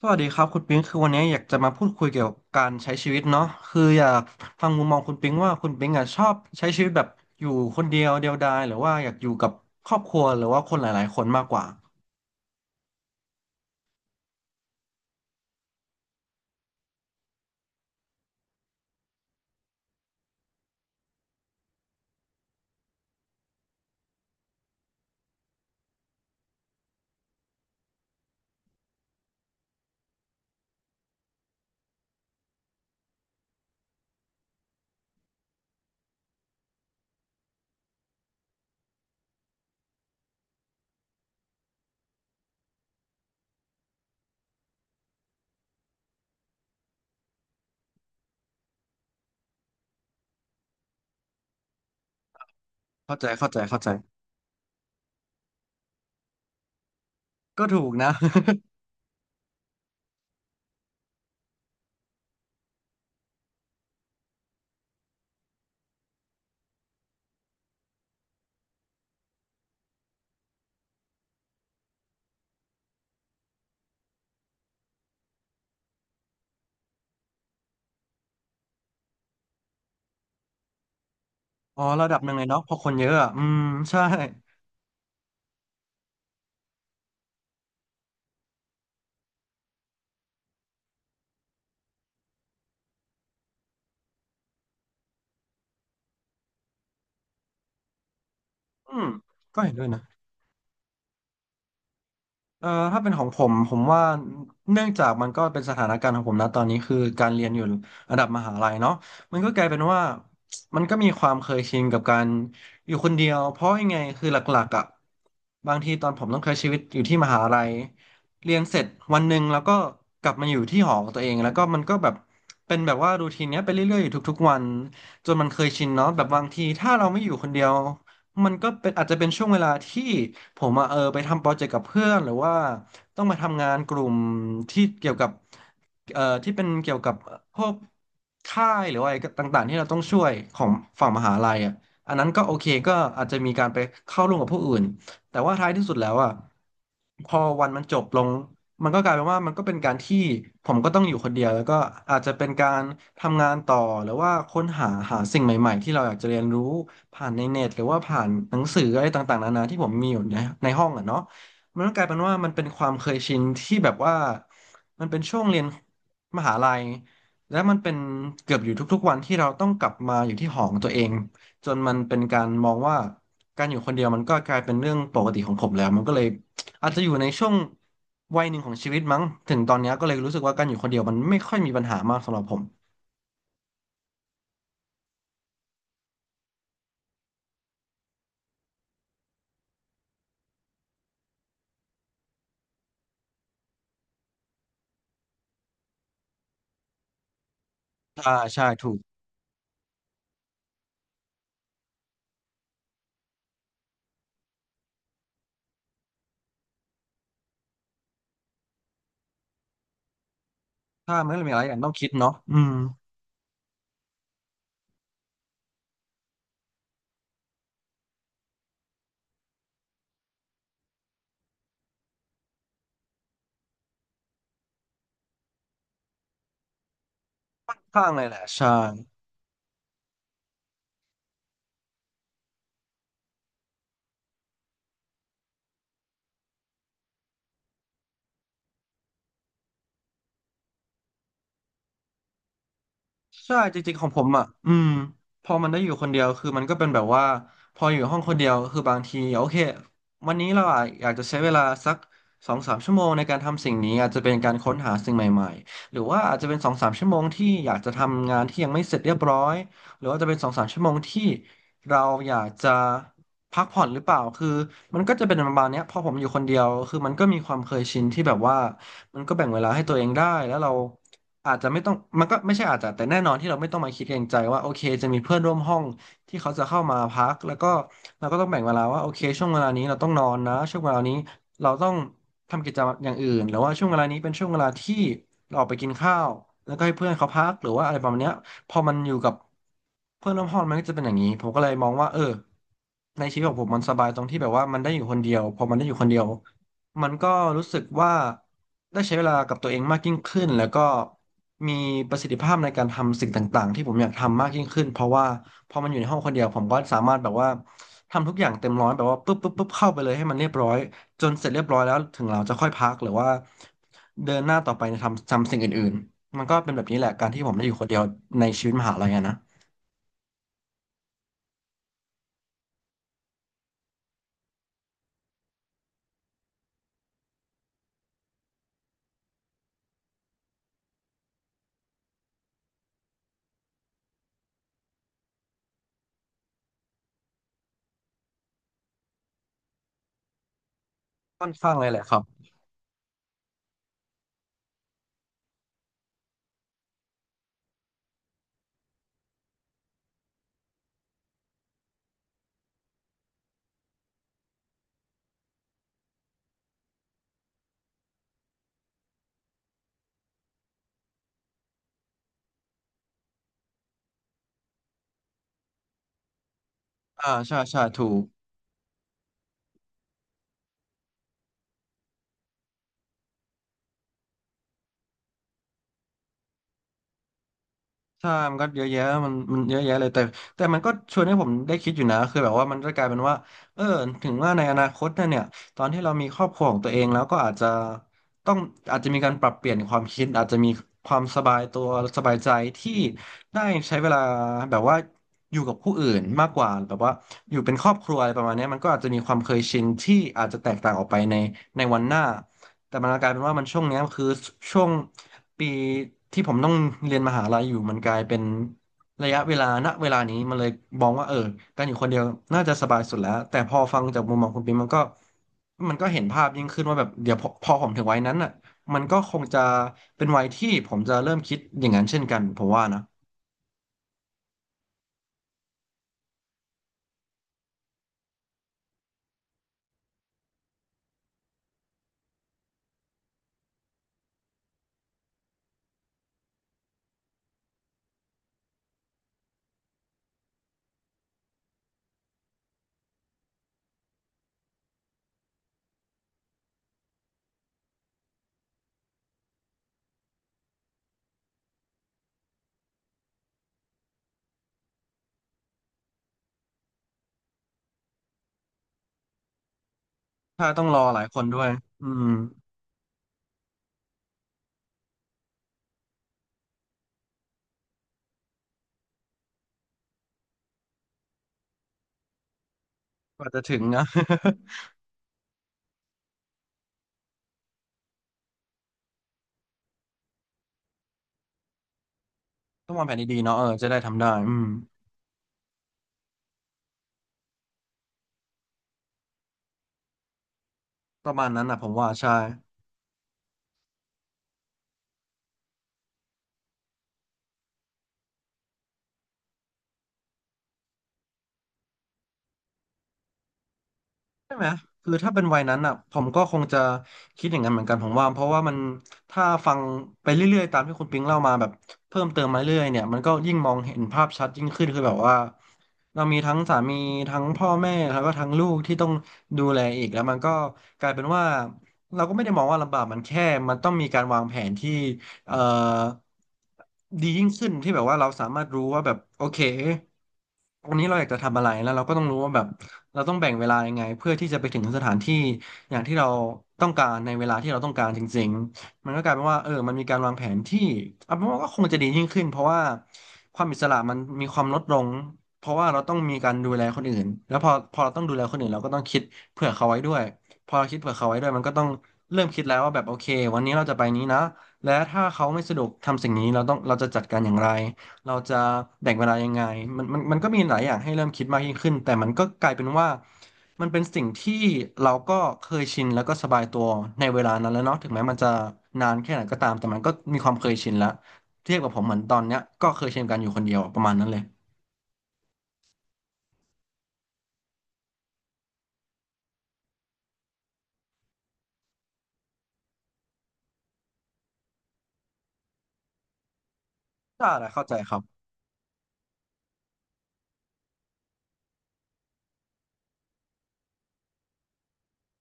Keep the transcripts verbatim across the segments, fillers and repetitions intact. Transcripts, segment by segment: สวัสดีครับคุณปิงคือวันนี้อยากจะมาพูดคุยเกี่ยวกับการใช้ชีวิตเนาะคืออยากฟังมุมมองคุณปิงว่าคุณปิงอ่ะชอบใช้ชีวิตแบบอยู่คนเดียวเดียวดายหรือว่าอยากอยู่กับครอบครัวหรือว่าคนหลายๆคนมากกว่าเข้าใจเข้าใจเข้าใจก็ถูกนะ อ๋อระดับหนึ่งเลยเนาะเพอคนเยอะอะอืมใช่อืมก็เห็นด้วยนะ เอ่อถ้าเป็นของผมผมว่าเนื่องจากมันก็เป็นสถานการณ์ของผมนะตอนนี้คือการเรียนอยู่ระดับมหาลัยเนาะมันก็กลายเป็นว่ามันก็มีความเคยชินกับการอยู่คนเดียวเพราะยังไงคือหลักๆอ่ะบางทีตอนผมต้องใช้ชีวิตอยู่ที่มหาลัยเรียนเสร็จวันหนึ่งแล้วก็กลับมาอยู่ที่หอของตัวเองแล้วก็มันก็แบบเป็นแบบว่ารูทีนเนี้ยไปเรื่อยๆอยู่ทุกๆวันจนมันเคยชินเนาะแบบบางทีถ้าเราไม่อยู่คนเดียว มันก็เป็นอาจจะเป็นช่วงเวลาที่ผมอะเออไปทำโปรเจกต์กับเพื่อนหรือว่าต้องมาทำงานกลุ่มที่เกี่ยวกับเอ่อที่เป็นเกี่ยวกับพวกค่ายหรือว่าอะไรต่างๆที่เราต้องช่วยของฝั่งมหาลัยอ่ะอันนั้นก็โอเคก็อาจจะมีการไปเข้าร่วมกับผู้อื่นแต่ว่าท้ายที่สุดแล้วอ่ะพอวันมันจบลงมันก็กลายเป็นว่ามันก็เป็นการที่ผมก็ต้องอยู่คนเดียวแล้วก็อาจจะเป็นการทำงานต่อหรือว่าค้นหาหาสิ่งใหม่ๆที่เราอยากจะเรียนรู้ ผ่านในเน็ตหรือว่าผ่านหนังสืออะไรต่างๆนานาที่ผมมีอยู่ในในห้องอ่ะเนาะมันก็กลายเป็นว่ามันเป็นความเคยชินที่แบบว่ามันเป็นช่วงเรียนมหาลัยและมันเป็นเกือบอยู่ทุกๆวันที่เราต้องกลับมาอยู่ที่หอของตัวเองจนมันเป็นการมองว่าการอยู่คนเดียวมันก็กลายเป็นเรื่องปกติของผมแล้วมันก็เลยอาจจะอยู่ในช่วงวัยหนึ่งของชีวิตมั้งถึงตอนเนี้ยก็เลยรู้สึกว่าการอยู่คนเดียวมันไม่ค่อยมีปัญหามากสำหรับผมอ่าใช่ถูกถ้ามันก็มีอะไรอย่างต้องคิดเนาะอืม ข้างเลยแหละใช่ใช่จริงๆของผมอ่ะอืมพอมันได้อยู่คนเดียวคือมันก็เป็นแบบว่าพออยู่ห้องคนเดียวคือบางทีโอเควันนี้เราอะอยากจะใช้เวลาสักสองสามชั่วโมงในการทำสิ่งนี้อาจจะเป็นการค้นหาสิ่งใหม่ๆหรือว่าอาจจะเป็นสองสามชั่วโมงที่อยากจะทำงานที่ยังไม่เสร็จเรียบร้อยหรือว่าจะเป็นสองสามชั่วโมงที่เราอยากจะพักผ่อนหรือเปล่าคือมันก็จะเป็นประมาณเนี้ยพอผมอยู่คนเดียวคือมันก็มีความเคยชินที่แบบว่า มันก็แบ่งเวลาให้ตัวเองได้ แล้วเราอาจจะไม่ต้องมันก็ไม่ใช่อาจจะแต่แน่นอนที่เราไม่ต้องมาคิดเกรงใจว่าโอเคจะมีเพื่อนร่วมห้องที่เขาจะเข้ามาพักแล้วก็เราก็ต้องแบ่งเวลาว่าโอเคช่วงเวลานี้เราต้องนอนนะ ช่วงเวลานี้เราต้องทำกิจกรรมอย่างอื่นหรือว่าช่วงเวลานี้เป็นช่วงเวลาที่เราออกไปกินข้าวแล้วก็ให้เพื่อนเขาพักหรือว่าอะไรประมาณเนี้ยพอมันอยู่กับเพื่อนร่วมห้องมันก็จะเป็นอย่างนี้ผมก็เลยมองว่าเออในชีวิตของผมมันสบายตรงที่แบบว่ามันได้อยู่คนเดียวพอมันได้อยู่คนเดียวมันก็รู้สึกว่า ได้ใช้เวลากับตัวเองมากยิ่งขึ้นแล้วก็มีประสิทธิภาพในการทำสิ่งต่างๆที่ผมอยากทำมากยิ่งขึ้นเพราะว่าพอมันอยู่ในห้องคนเดียวผมก็สามารถแบบว่าทำทุกอย่างเต็มร้อยแบบว่าปุ๊บปุ๊บปุ๊บเข้าไปเลยให้มันเรียบร้อยจนเสร็จเรียบร้อยแล้วถึงเราจะค่อยพักหรือว่าเดินหน้าต่อไปในทำทำสิ่งอื่นๆมันก็เป็นแบบนี้แหละการที่ผมได้อยู่คนเดียวในชีวิตมหาลัยอะนะค่อนข้างเลยแหละครับอ่าใช่ใช่ถูก ใช่มันก็เยอะแยะมันมันเยอะแยะเลยแต่แต่มันก็ชวนให้ผมได้คิดอยู่นะคือแบบว่ามันจะกลายเป็นว่าเออถึงว่าในอนาคตนะเนี่ยตอนที่เรามีครอบครัวของตัวเองแล้วก็อาจจะต้องอาจจะมีการปรับเปลี่ยนความคิดอาจจะมีความสบายตัว สบายใจที่ได้ใช้เวลาแบบว่าอยู่กับผู้อื่นมากกว่าแบบว่า อยู่เป็นครอบครัวอะไรประมาณเนี้ยมันก็อาจจะมีความเคยชินที่อาจจะแตกต่างออกไปในในวันหน้า แต่มันกลายเป็นว่ามันช่วงเนี้ยคือช่วงปีที่ผมต้องเรียนมหาลัยอยู่มันกลายเป็นระยะเวลาณเวลานี้มันเลยมองว่าเออการอยู่คนเดียวน่าจะสบายสุดแล้วแต่พอฟังจากมุมมองคุณปิ๊มมันก็มันก็เห็นภาพยิ่งขึ้นว่าแบบเดี๋ยวพอพอผมถึงวัยนั้นอ่ะมันก็คงจะเป็นวัยที่ผมจะเริ่มคิดอย่างนั้นเช่นกันผมว่านะถ้าต้องรอหลายคนด้วยอืมกว่าจะถึงนะ ต้องวางแผนดีๆเนาะ เออจะได้ทำได้อืมประมาณนั้นนะผมว่าใช่ ใช่ไหมคือถ้าเป็นวัยนั้นอ่ะผมก็คงจะคิดอย่างนั้นเหมือนกันผมว่าเพราะว่ามันถ้าฟังไปเรื่อยๆตามที่คุณปิงเล่ามาแบบเพิ่มเติมมาเรื่อยๆเนี่ยมันก็ยิ่งมองเห็นภาพชัดยิ่งขึ้นคือแบบว่าเรามีทั้งสามีทั้งพ่อแม่แล้วก็ทั้งลูกที่ต้องดูแลอีกแล้วมันก็กลายเป็นว่าเราก็ไม่ได้มองว่าลำบากมันแค่มันต้องมีการวางแผนที่ เอ่อดียิ่งขึ้นที่แบบว่าเราสามารถรู้ว่าแบบโอเควันนี้เราอยากจะทำอะไรแล้วเราก็ต้องรู้ว่าแบบเราต้องแบ่งเวลายังไงเพื่อที่จะไปถึงสถานที่อย่างที่เราต้องการในเวลาที่เราต้องการจริงๆมันก็กลายเป็นว่าเออมันมีการวางแผนที่เอาเป็นว่าก็คงจะดียิ่งขึ้นเพราะว่าความอิสระมันมีความลดลงเพราะว่าเราต้องมีการดูแลคนอื่นแล้วพอพอเราต้องดูแลคนอื่นเราก็ต้องคิดเผื่อเขาไว้ด้วยพอเราคิดเผื่อเขาไว้ด้วยมันก็ต้องเริ่มคิดแล้วว่าแบบโอเควันนี้เราจะไปนี้นะ และถ้าเขาไม่สะดวกทำสิ่งนี้เราต้องเราจะจัดการอย่างไรเราจะแบ่งเวลายังไงมันมันมันก็มีหลายอย่างให้เริ่มคิดมากยิ่งขึ้นแต่มันก็กลายเป็นว่ามันเป็นสิ่งที่เราก็เคยชินแล้วก็สบายตัวในเวลานั้นแล้วเนาะถึงแม้มันจะนานแค่ไหนก็ตามแต่มันก็มีความเคยชินแล้วเทียบกับผมเหมือนตอนเนี้ยก็เคยชินกันอยู่คนเดียวประมาณนั้นเลยใช่และเข้าใจครับ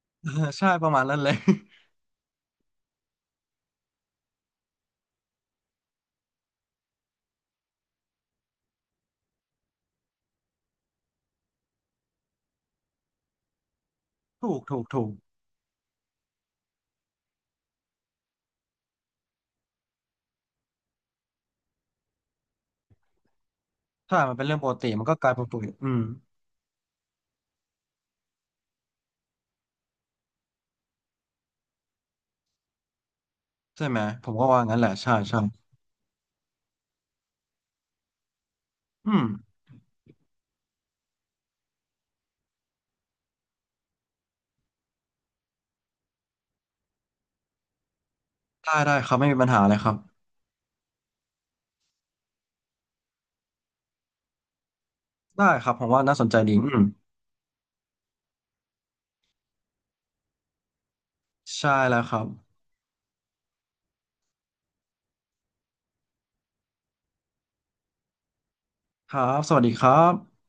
เออใช่ประมาณนั้นเลย ถูกถูกถูกใช่มันเป็นเรื่องปกติมันก็กลายเป็นปกติอืมใช่ไหมผมก็ว่างั้นแหละใช่ใช่อืม ได้ได้ครับไม่มีปัญหาเลยครับได้ครับผมว่าน่าสนใจดีอืมใช่แล้วครับครับสวัสดีครับ